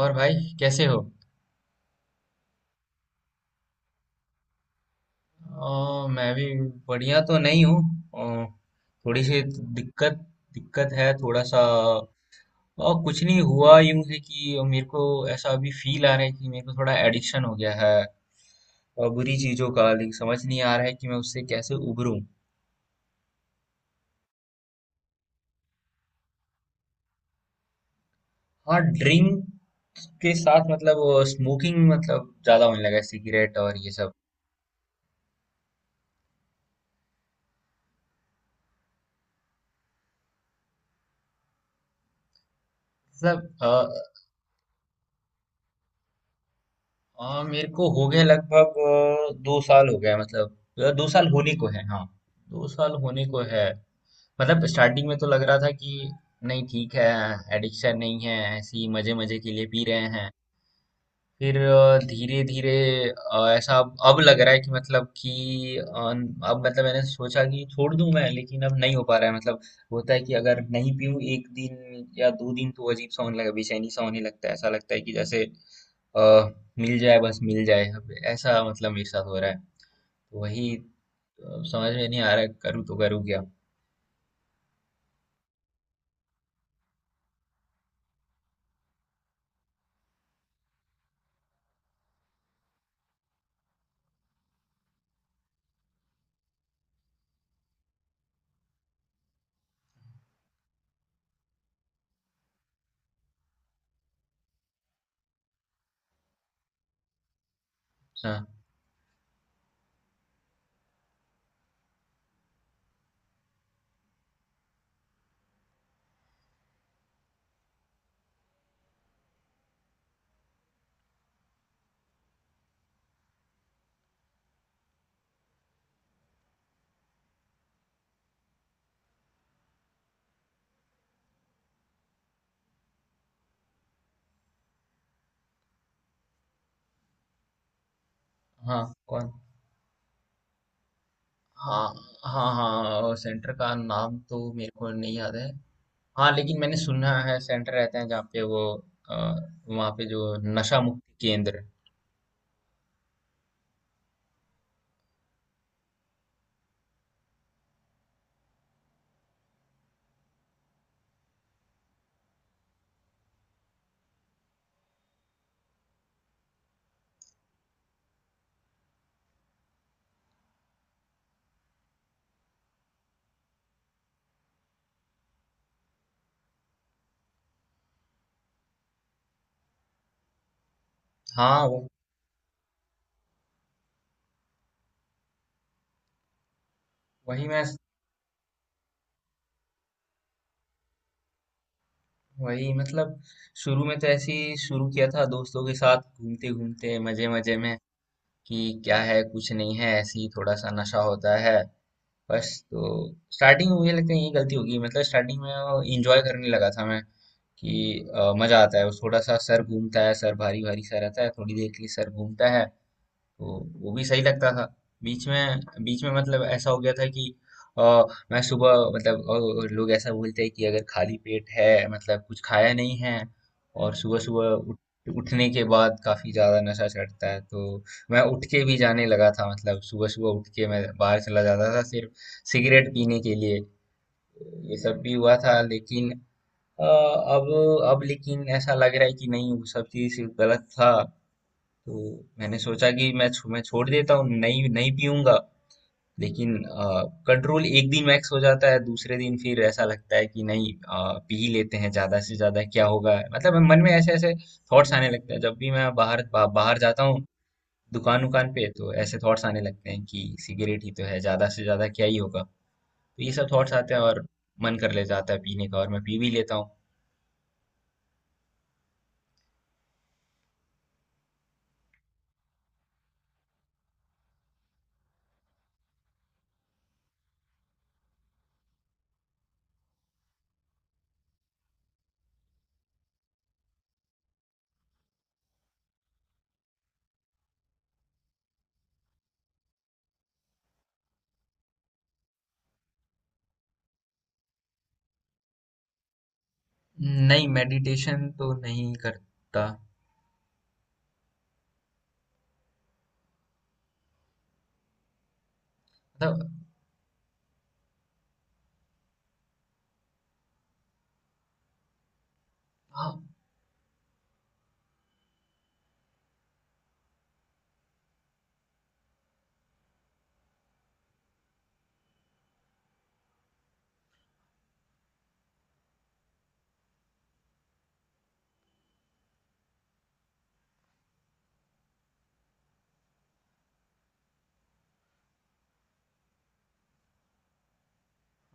और भाई, कैसे हो। मैं भी बढ़िया तो नहीं हूँ। अ, थोड़ी सी दिक्कत दिक्कत है थोड़ा सा। और कुछ नहीं हुआ, यूं है कि मेरे को ऐसा अभी फील आ रहा है कि मेरे को थोड़ा एडिक्शन हो गया है, और बुरी चीजों का, लेकिन समझ नहीं आ रहा है कि मैं उससे कैसे उबरूं। हाँ, ड्रिंक के साथ मतलब स्मोकिंग, मतलब ज्यादा होने लगा है सिगरेट और ये सब। मतलब मेरे को हो गया लगभग 2 साल हो गया, मतलब दो साल होने को है, हाँ, 2 साल होने को है। मतलब स्टार्टिंग में तो लग रहा था कि नहीं, ठीक है, एडिक्शन नहीं है, ऐसे ही मजे मजे के लिए पी रहे हैं। फिर धीरे धीरे ऐसा अब लग रहा है कि मतलब कि अ, अब मतलब मैंने सोचा कि छोड़ दूं मैं, लेकिन अब नहीं हो पा रहा है मतलब। होता है कि अगर नहीं पीऊं एक दिन या 2 दिन, तो अजीब सा होने लगा, बेचैनी सा होने लगता है, ऐसा लगता है कि जैसे अ, मिल जाए, बस मिल जाए, अब ऐसा मतलब मेरे साथ हो रहा है। तो वही समझ में नहीं आ रहा है, करूँ तो करूँ क्या। हाँ। हाँ, कौन। हाँ, हाँ, हाँ। सेंटर का नाम तो मेरे को नहीं याद है, हाँ, लेकिन मैंने सुना है सेंटर रहते हैं जहाँ पे वो, अ, वहाँ पे जो नशा मुक्ति केंद्र। हाँ, वो, वही मैं वही मतलब शुरू में तो ऐसे ही शुरू किया था दोस्तों के साथ घूमते घूमते मजे मजे में। कि क्या है, कुछ नहीं है, ऐसे ही थोड़ा सा नशा होता है बस, तो स्टार्टिंग में मुझे लगता है यही गलती होगी, मतलब स्टार्टिंग में इंजॉय करने लगा था मैं। कि मजा आता है, वो थोड़ा सा सर घूमता है, सर भारी भारी सा रहता है, थोड़ी देर के लिए सर घूमता है। तो वो भी सही लगता था। बीच में बीच में मतलब ऐसा हो गया था कि आ, मैं सुबह मतलब लोग ऐसा बोलते हैं कि अगर खाली पेट है मतलब कुछ खाया नहीं है, और सुबह सुबह उठने के बाद काफी ज्यादा नशा चढ़ता है, तो मैं उठ के भी जाने लगा था, मतलब सुबह सुबह उठ के मैं बाहर चला जाता था सिर्फ सिगरेट पीने के लिए। ये सब भी हुआ था, लेकिन अ, अब अब लेकिन ऐसा लग रहा है कि नहीं, वो सब चीज गलत था। तो मैंने सोचा कि मैं छोड़ देता हूँ, नहीं नहीं पीऊंगा। लेकिन कंट्रोल एक दिन मैक्स हो जाता है, दूसरे दिन फिर ऐसा लगता है कि नहीं, पी ही लेते हैं, ज्यादा से ज्यादा क्या होगा, मतलब मन में ऐसे ऐसे थॉट्स आने लगते हैं जब भी मैं बाहर जाता हूँ, दुकान उकान पे, तो ऐसे थॉट्स आने लगते हैं कि सिगरेट ही तो है, ज्यादा से ज्यादा क्या ही होगा। तो ये सब थॉट्स आते हैं और मन कर ले जाता है पीने का, और मैं पी भी लेता हूँ। नहीं, मेडिटेशन तो नहीं करता। मतलब। हाँ,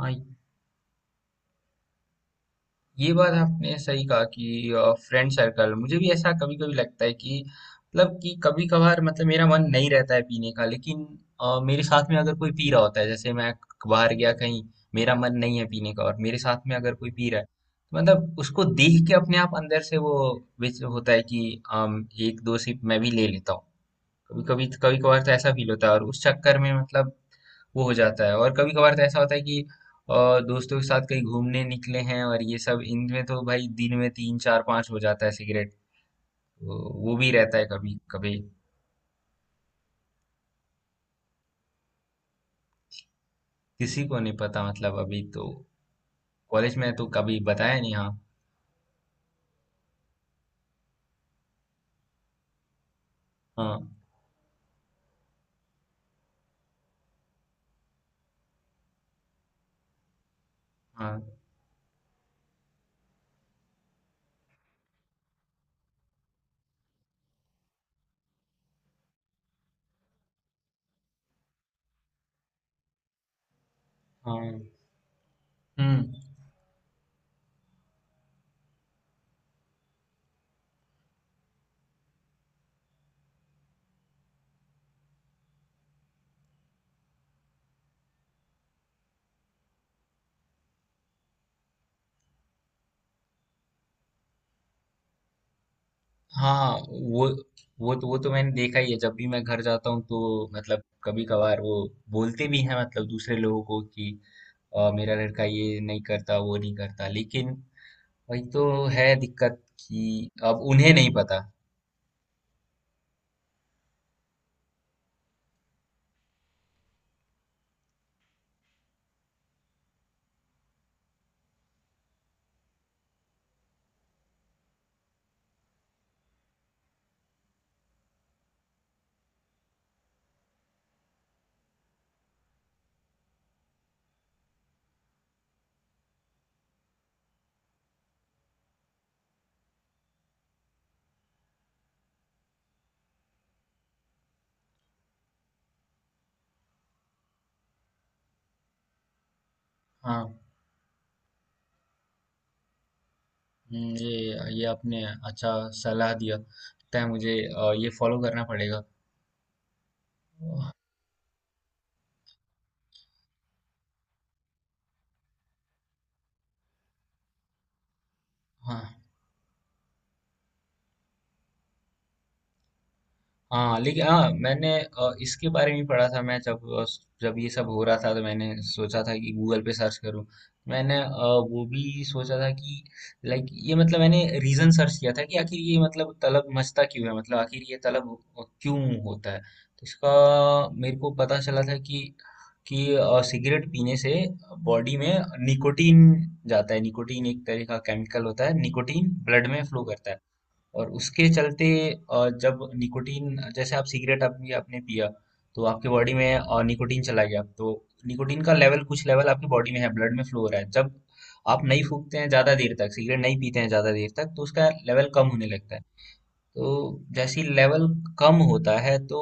हाँ। ये बात आपने सही कहा कि फ्रेंड सर्कल। मुझे भी ऐसा कभी कभी लगता है कि मतलब कि कभी कभार, मतलब मेरा मन नहीं रहता है पीने का, लेकिन मेरे साथ में अगर कोई पी रहा होता है, जैसे मैं बाहर गया कहीं, मेरा मन नहीं है पीने का, और मेरे साथ में अगर कोई पी रहा है, तो मतलब उसको देख के अपने आप अंदर से वो विच होता है कि एक दो सिप मैं भी ले लेता हूँ। कभी कभी, कभी कभार तो ऐसा फील होता है, और उस चक्कर में मतलब वो हो जाता है। और कभी कभार तो ऐसा होता है कि अ, दोस्तों के साथ कहीं घूमने निकले हैं और ये सब, इनमें तो भाई दिन में तीन चार पांच हो जाता है सिगरेट। तो वो भी रहता है कभी कभी। किसी को नहीं पता मतलब, अभी तो कॉलेज में है तो कभी बताया नहीं, हाँ। हाँ, हाँ, हाँ, हम्म। हाँ, वो तो मैंने देखा ही है जब भी मैं घर जाता हूँ, तो मतलब कभी कभार वो बोलते भी हैं मतलब दूसरे लोगों को कि मेरा लड़का ये नहीं करता, वो नहीं करता, लेकिन वही तो है दिक्कत कि अब उन्हें नहीं पता। हाँ। हम्म। ये आपने अच्छा सलाह दिया लगता है मुझे, ये फॉलो करना पड़ेगा। हाँ, हाँ, लेकिन हाँ, मैंने इसके बारे में पढ़ा था। मैं जब ये सब हो रहा था तो मैंने सोचा था कि गूगल पे सर्च करूँ। मैंने वो भी सोचा था कि लाइक, ये मतलब मैंने रीजन सर्च किया था कि आखिर ये मतलब तलब मचता क्यों है, मतलब आखिर ये तलब क्यों होता है, तो इसका मेरे को पता चला था कि सिगरेट पीने से बॉडी में निकोटीन जाता है, निकोटीन एक तरह का केमिकल होता है, निकोटीन ब्लड में फ्लो करता है, और उसके चलते जब निकोटीन, जैसे आप सिगरेट, आपने आपने पिया, तो आपके बॉडी में निकोटीन चला गया, तो निकोटीन का लेवल, कुछ लेवल आपकी बॉडी में है, ब्लड में फ्लो हो रहा है। जब आप नहीं फूकते हैं ज़्यादा देर तक, सिगरेट नहीं पीते हैं ज़्यादा देर तक, तो उसका लेवल कम होने लगता है। तो जैसे ही लेवल कम होता है, तो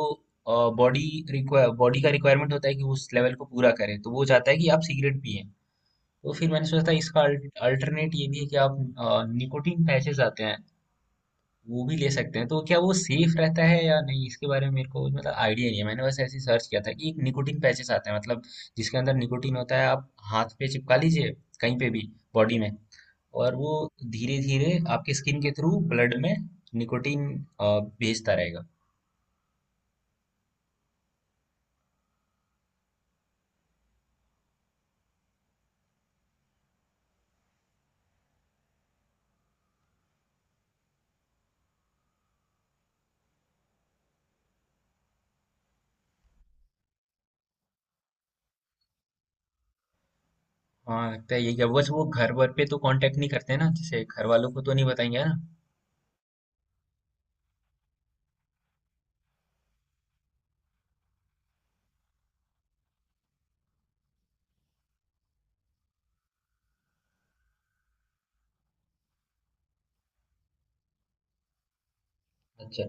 बॉडी बॉडी का रिक्वायरमेंट होता है कि उस लेवल को पूरा करें, तो वो चाहता है कि आप सिगरेट पिए। तो फिर मैंने सोचा था इसका अल्टरनेट ये भी है कि आप, निकोटीन पैचेस आते हैं, वो भी ले सकते हैं। तो क्या वो सेफ रहता है या नहीं, इसके बारे में मेरे को मतलब आइडिया नहीं है। मैंने बस ऐसे ही सर्च किया था कि एक निकोटिन पैचेस आते हैं, मतलब जिसके अंदर निकोटिन होता है, आप हाथ पे चिपका लीजिए कहीं पे भी बॉडी में, और वो धीरे धीरे आपके स्किन के थ्रू ब्लड में निकोटिन भेजता रहेगा। हाँ, तो ये क्या, बस वो घर वर पे तो कांटेक्ट नहीं करते ना, जैसे घर वालों को तो नहीं बताएंगे, है ना। अच्छा।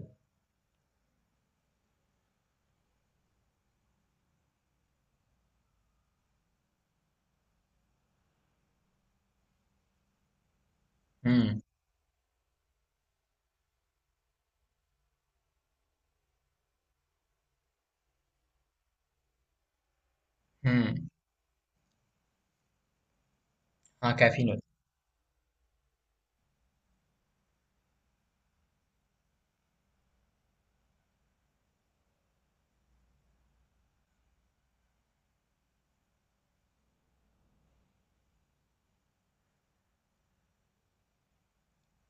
हम्म, हम्म। हाँ, कैफीन होता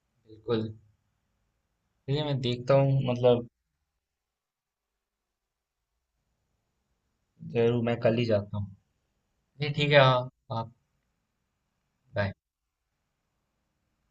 है। बिल्कुल ठीक है, मैं देखता हूँ मतलब। जरूर, मैं कल ही जाता हूँ, ये ठीक है, हाँ, हाँ। Bye।